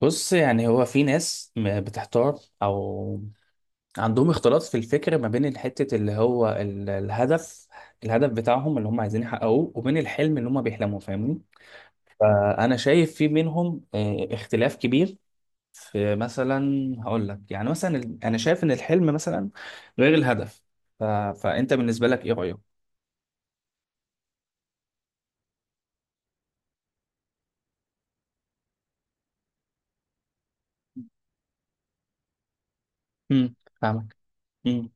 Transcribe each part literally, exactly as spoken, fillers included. بص، يعني هو في ناس م- بتحتار او عندهم اختلاط في الفكر ما بين الحتة اللي هو ال- الهدف الهدف بتاعهم اللي هم عايزين يحققوه وبين الحلم اللي هم بيحلموا، فاهمني؟ فانا شايف في بينهم آه، اختلاف كبير. في مثلا، هقول لك يعني مثلا ال- انا شايف ان الحلم مثلا غير الهدف. ف... فانت بالنسبة لك ايه رأيك؟ امم فاهمك. امم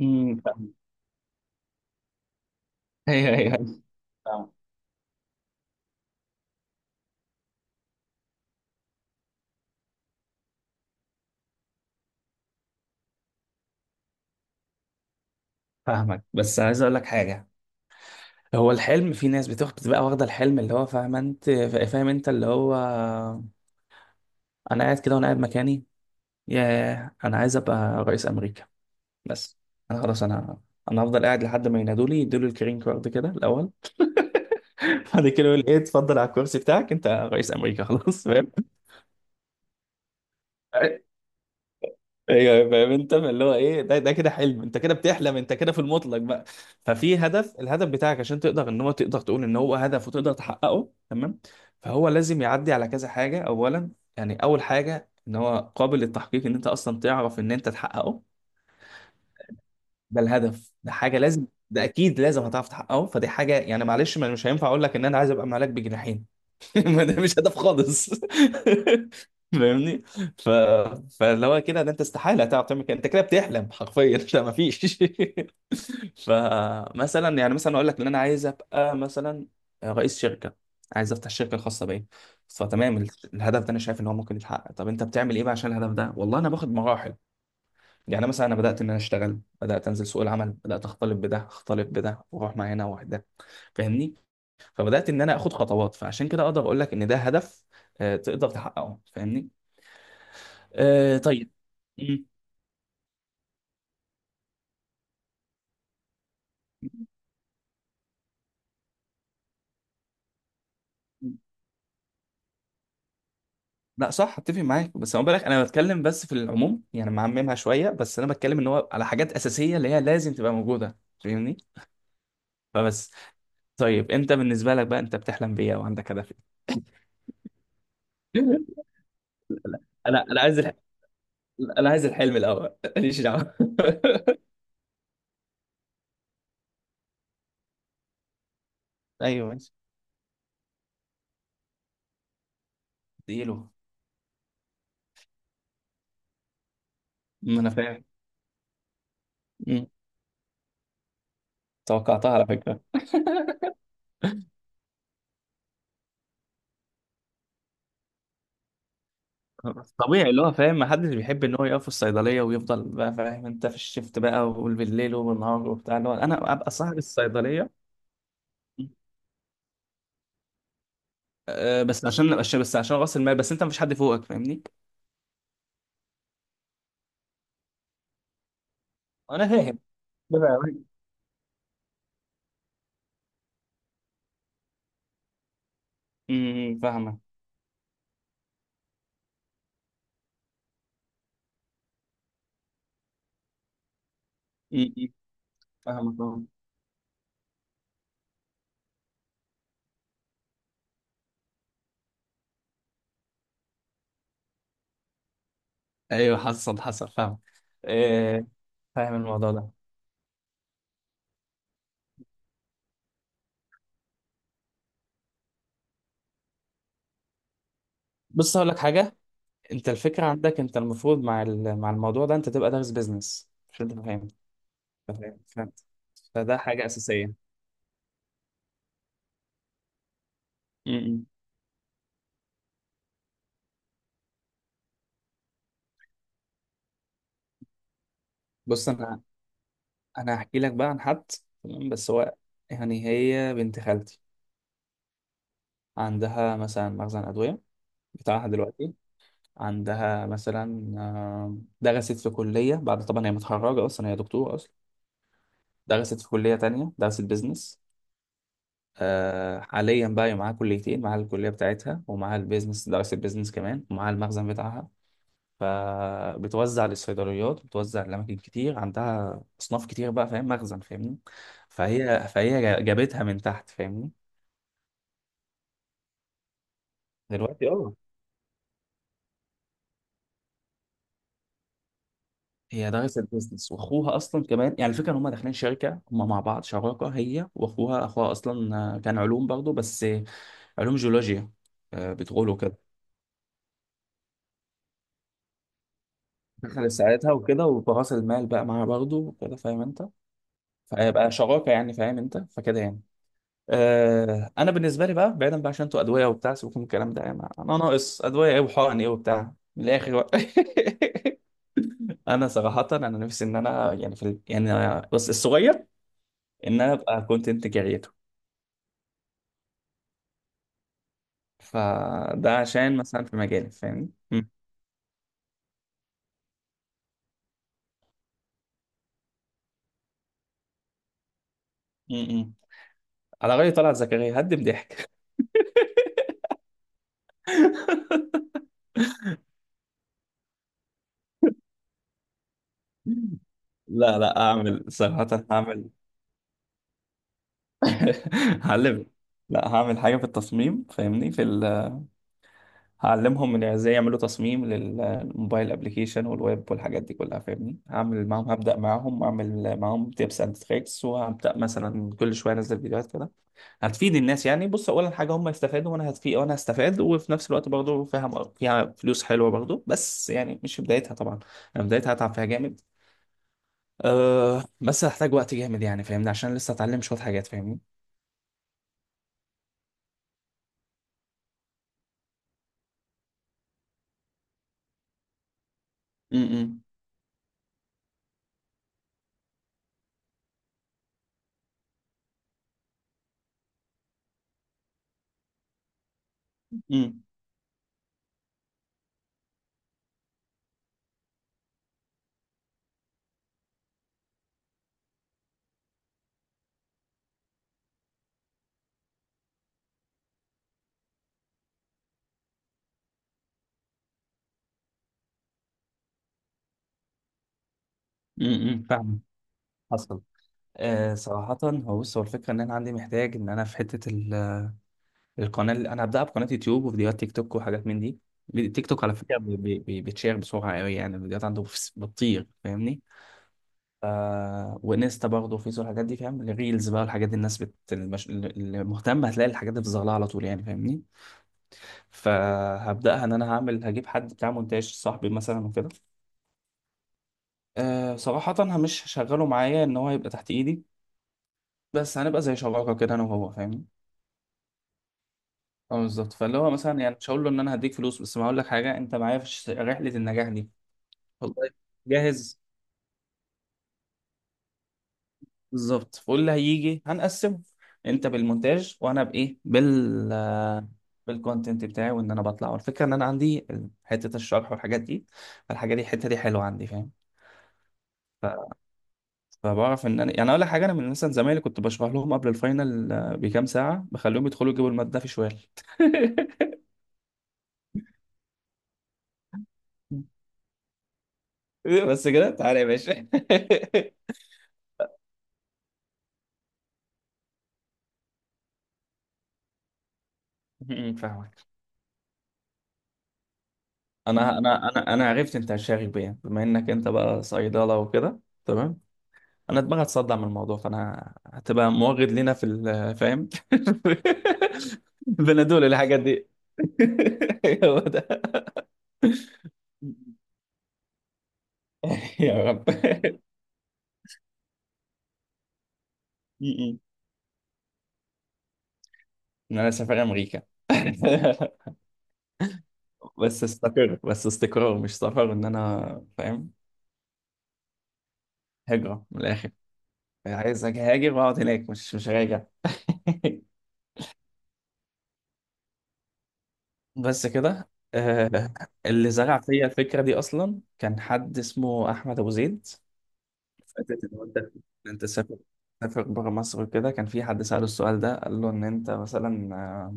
امم فاهمك. ايوه، ايوه. أيوة. فاهمك، بس عايز اقول لك حاجة. هو الحلم، في ناس بتاخد، بتبقى واخدة الحلم، اللي هو فاهم انت، فاهم انت اللي هو انا قاعد كده وانا قاعد مكاني، ياه، انا عايز ابقى رئيس امريكا بس. انا خلاص، انا انا هفضل قاعد لحد ما ينادوا لي، يدوا لي الكرين كارد كده الاول، بعد كده يقول ايه، اتفضل على الكرسي بتاعك انت رئيس امريكا خلاص، فاهم؟ ايوه، فاهم انت اللي هو ايه ده، ده كده حلم، انت كده بتحلم انت كده في المطلق بقى. ففي هدف، الهدف بتاعك عشان تقدر ان هو تقدر تقول ان هو هدف وتقدر تحققه، تمام. فهو لازم يعدي على كذا حاجه اولا. يعني اول حاجه ان هو قابل للتحقيق، ان انت اصلا تعرف ان انت تحققه. ده الهدف، ده حاجه لازم، ده اكيد لازم هتعرف تحققه. فدي حاجه يعني، معلش، ما- مش هينفع اقول لك ان انا عايز ابقى ملاك بجناحين. ما ده مش هدف خالص. فاهمني؟ ف... فاللي هو كده، ده انت استحاله هتعرف تعمل كده، انت كده بتحلم حرفيا. لا، ما فيش. فمثلا يعني، مثلا اقول لك ان انا عايز ابقى مثلا رئيس شركه، عايز افتح شركه خاصه بيا. فتمام، ال- الهدف ده انا شايف ان هو ممكن يتحقق. طب انت بتعمل ايه بقى عشان الهدف ده؟ والله انا باخد مراحل. يعني مثلا انا بدات ان انا اشتغل، بدات انزل سوق العمل، بدات اختلط بده، اختلط بده، واروح مع هنا واحده، فاهمني؟ فبدات ان انا اخد خطوات، فعشان كده اقدر اقول لك ان ده هدف، آه، تقدر تحققه، فاهمني؟ آه، طيب. مم. لا صح، اتفق معاك. بس انا بالك انا بتكلم، بس في العموم يعني، معممها شويه. بس انا بتكلم ان هو على حاجات اساسيه اللي هي لازم تبقى موجوده، فاهمني؟ فبس. طيب انت بالنسبه لك بقى، انت بتحلم بيه او عندك هدف؟ إيه؟ انا انا عايز الح... انا عايز الحلم الاول، ماليش دعوه. ايوه، ماشي. اديله. ما انا فاهم. مم. توقعتها على فكره. طبيعي، اللي هو فاهم، محدش بيحب ان هو يقف في الصيدليه ويفضل بقى، فاهم انت، في الشيفت بقى وبالليل وبالنهار وبتاع، اللي هو انا ابقى صاحب الصيدليه. أه، بس عشان عشان- بس عشان راس المال، بس انت مفيش حد فوقك، فاهمني؟ انا فاهم. فاهم امم فاهمه. امم إمم، فاهمك. أه، ايوه، حصل، حصل، فاهم. أه، فاهم الموضوع ده. بص هقول لك حاجه، انت الفكره عندك، انت المفروض مع ال- مع الموضوع ده انت تبقى دارس بيزنس، مش انت فاهم؟ فاهم، فهمت. فده حاجه اساسيه. امم، إمم. بص انا، انا هحكي لك بقى عن حد، تمام. بس هو يعني هي بنت خالتي عندها مثلا مخزن ادويه بتاعها دلوقتي. عندها مثلا آه، درست في كليه، بعد طبعا هي متخرجه اصلا، هي دكتوره اصلا، درست في كليه تانية، درست بيزنس. آه، حاليا بقى هي معاها كليتين، معاها الكليه بتاعتها ومعاها البيزنس، درست بيزنس كمان، ومعاها المخزن بتاعها. فبتوزع للصيدليات، بتوزع لأماكن كتير، عندها أصناف كتير بقى، فاهم، مخزن، فاهمني؟ فهي فهي جابتها من تحت، فاهمني؟ دلوقتي اه. هي دارسة البيزنس واخوها اصلا كمان، يعني الفكره ان هم داخلين شركه هم مع بعض شراكه، هي واخوها. اخوها اصلا كان علوم برضه، بس علوم جيولوجيا، آه، بتقولوا كده. دخلت ساعتها وكده، وبراس المال بقى معاها برضه وكده، فاهم انت؟ فهيبقى شراكه يعني، فاهم انت، فكده يعني. آه انا بالنسبه لي بقى، بعيدا بقى عشان انتوا ادويه وبتاع، سيبكم من الكلام ده يعني، انا ناقص ادويه ايه وحقن ايه وبتاع، من الاخر بقى. انا صراحه، انا نفسي ان انا يعني في ال... يعني بس الصغير، ان انا ابقى كونتنت كريتور. فده عشان مثلا في مجالي، فاهمني؟ مم. مم. على رأي طلعت زكريا، هدم ضحك. لا لا، اعمل صراحة هعمل. هعلم. لا، هعمل حاجة في التصميم، فاهمني؟ في ال... هعلمهم من ازاي يعملوا تصميم للموبايل ابلكيشن والويب والحاجات دي كلها، فاهمني؟ هعمل معاهم، هبدأ معاهم، اعمل معاهم تيبس اند تريكس، وهبدأ مثلا كل شوية انزل فيديوهات كده هتفيد الناس يعني. بص اولا حاجه، هم يستفادوا وانا هتفيد وانا هستفاد، وفي نفس الوقت برضه فيها، فيها فلوس حلوه برضه، بس يعني مش في بدايتها طبعا. انا بدايتها هتعب فيها جامد. أه، بس هحتاج وقت جامد يعني، فاهمني؟ عشان لسه اتعلم شويه حاجات، فاهمني؟ امم امم امم، فاهم. حصل. أه صراحة، هو بص، هو الفكرة إن أنا عندي، محتاج إن أنا في حتة ال- القناة اللي أنا هبدأها، بقناة يوتيوب وفيديوهات تيك توك وحاجات من دي. فيديو، تيك توك على فكرة، بي- بي- بي- بتشير بسرعة قوي يعني، الفيديوهات عنده بس- بتطير، فاهمني؟ آه وانستا برضه، فيس والحاجات دي، فاهم؟ الريلز بقى والحاجات دي، الناس بت... المش... اللي مهتم هتلاقي الحاجات دي في ظهرها على طول يعني، فاهمني؟ فهبداها ان انا هعمل، هجيب حد بتاع مونتاج صاحبي مثلا وكده. آه صراحه، أنا مش هشغله معايا ان هو يبقى تحت ايدي، بس هنبقى زي شراكه كده، انا وهو، فاهمني؟ اه بالظبط، فاللي هو مثلا، يعني مش هقول له ان انا هديك فلوس، بس ما هقول لك حاجه، انت معايا في الش- رحله النجاح دي. والله، جاهز. بالظبط، فاللي هيجي هنقسمه. انت بالمونتاج وانا بايه، بال بالكونتنت بتاعي، وان انا بطلع. والفكره ان انا عندي حته الشرح والحاجات دي، الحاجه دي، الحته دي حلوه عندي، فاهم؟ ف- فبعرف ان انا يعني، اقول لك حاجه، انا من مثلا زمايلي كنت بشرح لهم قبل الفاينل آه، بكام ساعه، بخليهم يدخلوا يجيبوا الماده في شوال. بس كده، تعالى يا باشا. م- م، فاهمك. انا انا انا انا عرفت انت شاغب بيه، بما انك انت بقى صيدله وكده، تمام. انا دماغي هتصدع من الموضوع، فانا هتبقى موجد لنا في ال- فاهم. بنادول الحاجات دي. هو ده. يا رب. م-م. ان انا سافر امريكا. بس استقر، بس استقرار مش سفر، ان انا فاهم. هجرة من الاخر. عايز هاجر واقعد هناك، مش، مش راجع. بس كده، آه، اللي زرع فيا الفكرة دي اصلا كان حد اسمه احمد ابو زيد. فاتت ان انت، ان انت تسافر، تسافر بره مصر وكده. كان في حد سأله السؤال ده، قال له ان انت مثلا آه،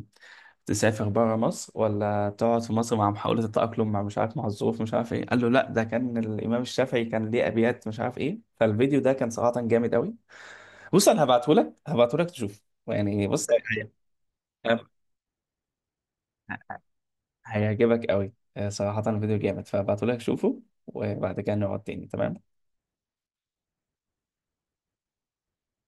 تسافر بره مصر ولا تقعد في مصر مع محاولة التأقلم مع، مش عارف، مع الظروف، مش عارف ايه. قال له لا، ده كان الإمام الشافعي كان ليه أبيات، مش عارف ايه. فالفيديو ده كان صراحة جامد قوي. بص انا هبعته لك، هبعته لك تشوف يعني، بص، هي- هيعجبك قوي. آه، صراحة الفيديو جامد، فهبعته لك شوفه، وبعد كده نقعد تاني، تمام.